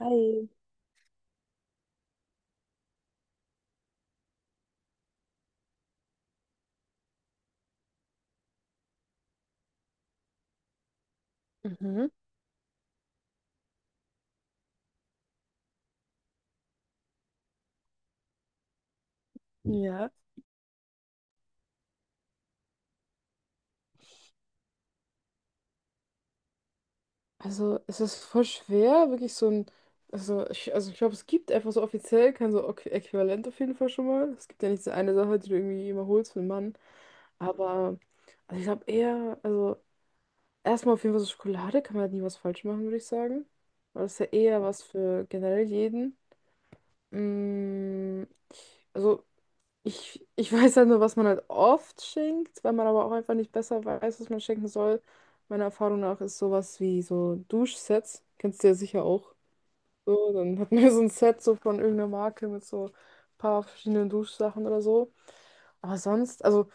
Hi. Mhm. Ja, also es ist voll schwer, wirklich so ein, also ich glaube, es gibt einfach so offiziell kein so Äquivalent auf jeden Fall schon mal. Es gibt ja nicht so eine Sache, die du irgendwie immer holst für einen Mann. Aber also ich glaube eher, also erstmal auf jeden Fall so Schokolade kann man halt nie was falsch machen, würde ich sagen. Weil das ist ja eher was für generell jeden. Mm, also ich weiß halt nur, was man halt oft schenkt, weil man aber auch einfach nicht besser weiß, was man schenken soll. Meiner Erfahrung nach ist sowas wie so Duschsets. Kennst du ja sicher auch. So, dann hat man ja so ein Set so von irgendeiner Marke mit so ein paar verschiedenen Duschsachen oder so. Aber sonst, also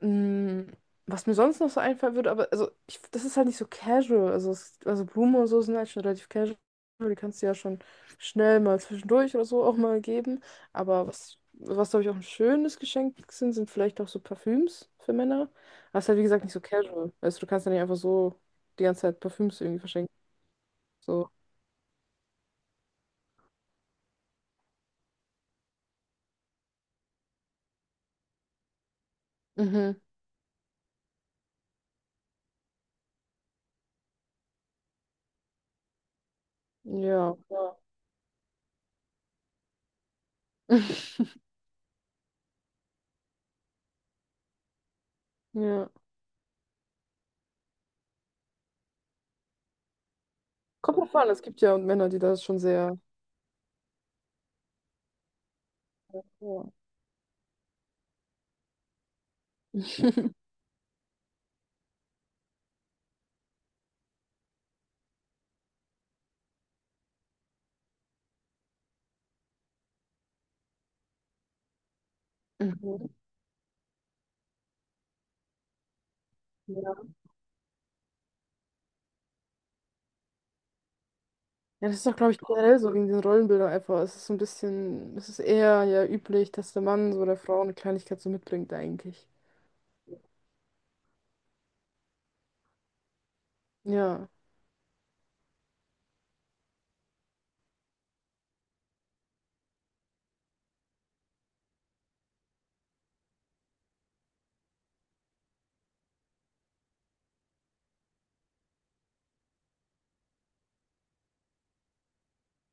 Mm, Was mir sonst noch so einfallen würde, aber also ich, das ist halt nicht so casual. Also, es, also Blumen und so sind halt schon relativ casual. Die kannst du ja schon schnell mal zwischendurch oder so auch mal geben. Aber was, was glaube ich auch ein schönes Geschenk sind, sind vielleicht auch so Parfüms für Männer. Aber es ist halt wie gesagt nicht so casual. Also du kannst ja nicht einfach so die ganze Zeit Parfüms irgendwie verschenken. So. Mhm. Ja. Ja. Ja. Kommt drauf an, es gibt ja Männer, die das schon sehr. Ja. Mhm. Ja. Ja, das ist doch, glaube ich, generell so wegen den Rollenbildern einfach. Es ist so ein bisschen, es ist eher ja üblich, dass der Mann so der Frau eine Kleinigkeit so mitbringt, eigentlich. Ja.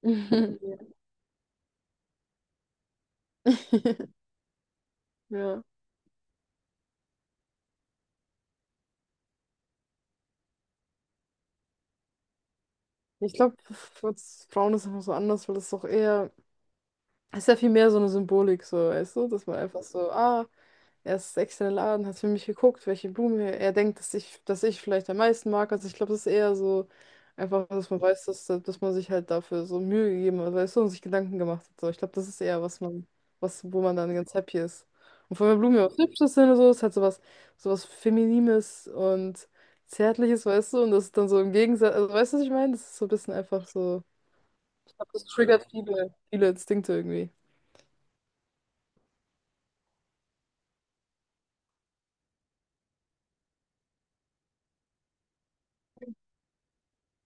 Ja. Ja. Ich glaube, für uns Frauen ist es einfach so anders, weil das ist doch eher, es ist ja viel mehr so eine Symbolik, so, weißt du, dass man einfach so, ah. Er ist extra in den Laden, hat für mich geguckt, welche Blume er denkt, dass ich vielleicht am meisten mag. Also ich glaube, das ist eher so einfach, dass man weiß, dass man sich halt dafür so Mühe gegeben hat, weißt du, und sich Gedanken gemacht hat. So, ich glaube, das ist eher, was man, was, wo man dann ganz happy ist. Und von der Blume was Hübsches sind und so, ist halt sowas, sowas Feminines und Zärtliches, weißt du, und das ist dann so im Gegensatz, also weißt du, was ich meine? Das ist so ein bisschen einfach so, ich glaube, das triggert viele, viele Instinkte irgendwie.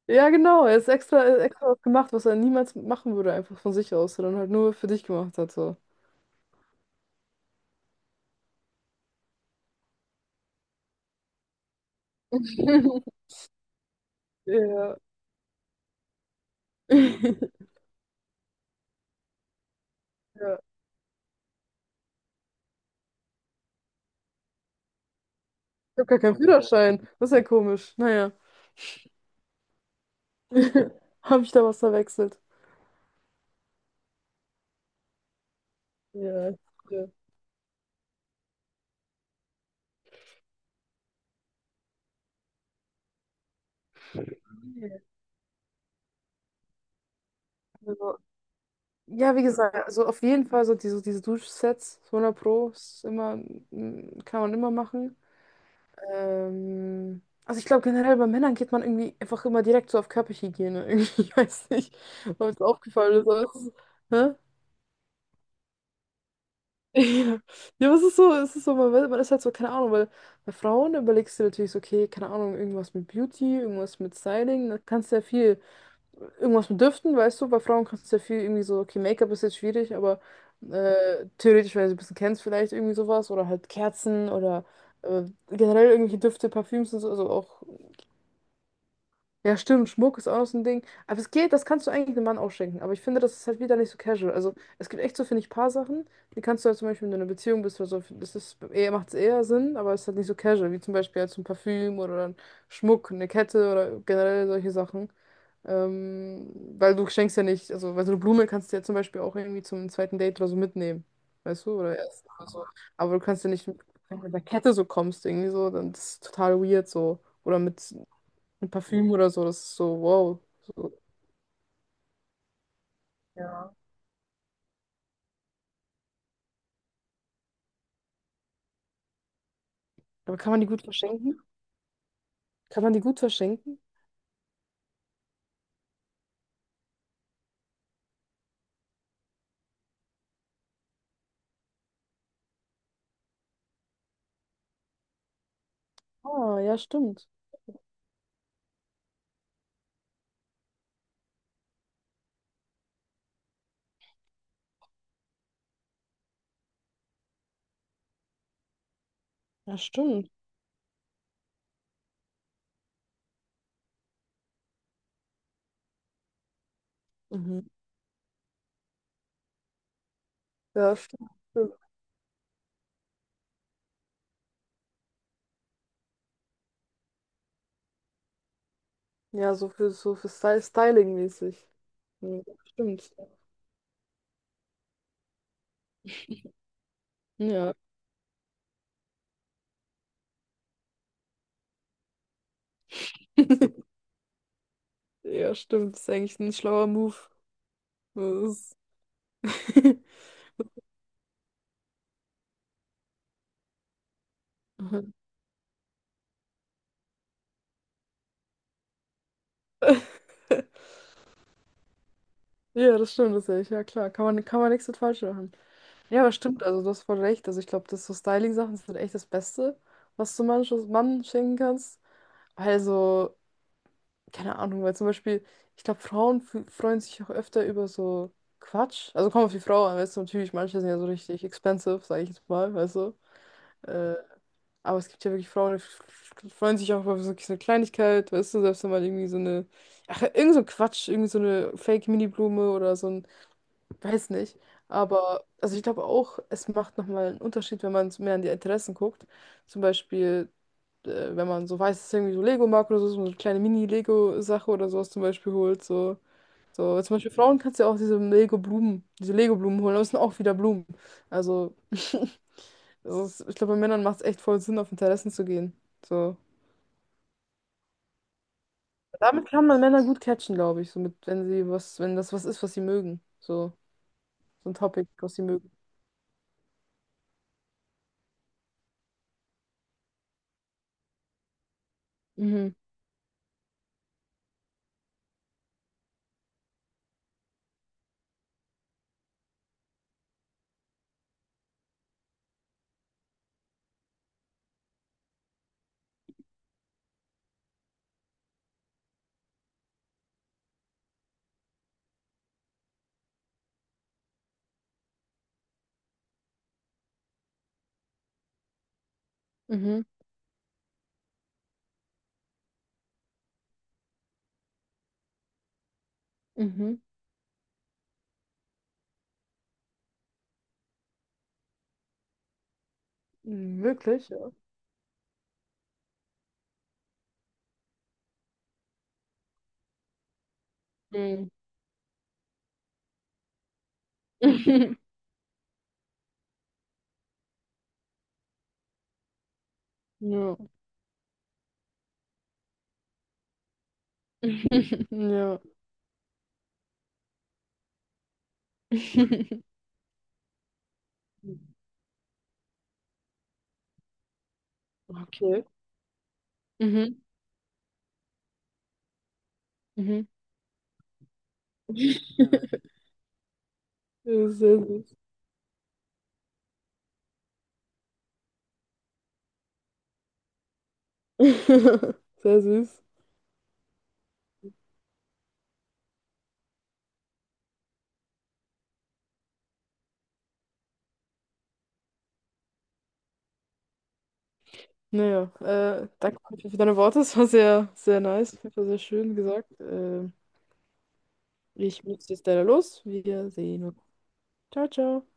Ja, genau. Er ist extra, er hat extra was gemacht, was er niemals machen würde, einfach von sich aus, sondern halt nur für dich gemacht hat. So. Ja. Ja. Ich habe gar keinen Führerschein. Das ist ja komisch. Naja. Habe ich da was verwechselt? Ja. Ja, also, ja, wie gesagt, also auf jeden Fall so diese Duschsets, 100 Pro, ist immer, kann man immer machen. Also ich glaube generell bei Männern geht man irgendwie einfach immer direkt so auf Körperhygiene. Irgendwie, ich weiß nicht, ob es aufgefallen ist, aber es ist, hä? Ja, ja, aber es ist so, man, man ist halt so, keine Ahnung, weil bei Frauen überlegst du natürlich so, okay, keine Ahnung, irgendwas mit Beauty, irgendwas mit Styling, da kannst du ja viel, irgendwas mit Düften, weißt du, bei Frauen kannst du ja viel irgendwie so, okay, Make-up ist jetzt schwierig, aber theoretisch, wenn du es ein bisschen kennst, vielleicht irgendwie sowas oder halt Kerzen oder äh, generell irgendwelche Düfte, Parfüms und so, also auch. Ja, stimmt, Schmuck ist auch noch so ein Ding. Aber es geht, das kannst du eigentlich einem Mann auch schenken. Aber ich finde, das ist halt wieder nicht so casual. Also, es gibt echt so, finde ich, paar Sachen, die kannst du halt zum Beispiel, wenn du in einer Beziehung bist oder so, das ist eher, macht es eher Sinn, aber es ist halt nicht so casual, wie zum Beispiel halt so ein Parfüm oder ein Schmuck, eine Kette oder generell solche Sachen. Ähm, weil du schenkst ja nicht, also, weil so eine Blume kannst du ja zum Beispiel auch irgendwie zum zweiten Date oder so mitnehmen. Weißt du, oder erst oder so. Aber du kannst ja nicht, wenn du mit einer Kette so kommst, irgendwie so, dann das ist es total weird so. Oder mit ein Parfüm oder so, das ist so, wow. So. Ja. Aber kann man die gut verschenken? Kann man die gut verschenken? Ah, ja, stimmt. Ja, stimmt. Mhm. Ja, stimmt. Ja, so für Styling-mäßig. Ja, stimmt. Ja. Ja, stimmt. Ist eigentlich ein schlauer Move. Das ist- Ja, das stimmt, das ist echt. Ja, klar. Kann man nichts mit falsch machen. Ja, aber stimmt, also du hast voll recht. Also ich glaube, das so Styling-Sachen sind echt das Beste, was du manches Mann schenken kannst. Weil so, keine Ahnung, weil zum Beispiel, ich glaube, Frauen freuen sich auch öfter über so Quatsch. Also kommt auf die Frau an, weißt du, natürlich, manche sind ja so richtig expensive, sage ich jetzt mal, weißt du. Äh, aber es gibt ja wirklich Frauen, die freuen sich auch über so eine Kleinigkeit, weißt du, selbst wenn man irgendwie so eine, ach, irgend so ein Quatsch, irgendwie so eine Fake-Mini-Blume oder so ein. Weiß nicht. Aber also ich glaube auch, es macht nochmal einen Unterschied, wenn man so mehr an die Interessen guckt. Zum Beispiel, wenn man so weiß, dass es irgendwie so Lego mag oder so, so eine kleine Mini-Lego-Sache oder sowas zum Beispiel holt. So, so zum Beispiel Frauen kannst du ja auch diese Lego-Blumen holen, aber es sind auch wieder Blumen. Also, das ist, ich glaube, bei Männern macht es echt voll Sinn, auf Interessen zu gehen. So. Damit kann man Männer gut catchen, glaube ich. So mit, wenn sie was, wenn das was ist, was sie mögen. So, so ein Topic, was sie mögen. Mhm, mhm, mhm. Hm, wirklich, ja. Mhm. Ja. Ja. Okay. Mhm. Mhm. Ja, sehr süß. Sehr süß. Naja, danke auf jeden Fall für deine Worte. Es war sehr, sehr nice. Auf jeden Fall sehr schön gesagt. Ich muss jetzt leider los. Wir sehen uns. Ciao, ciao.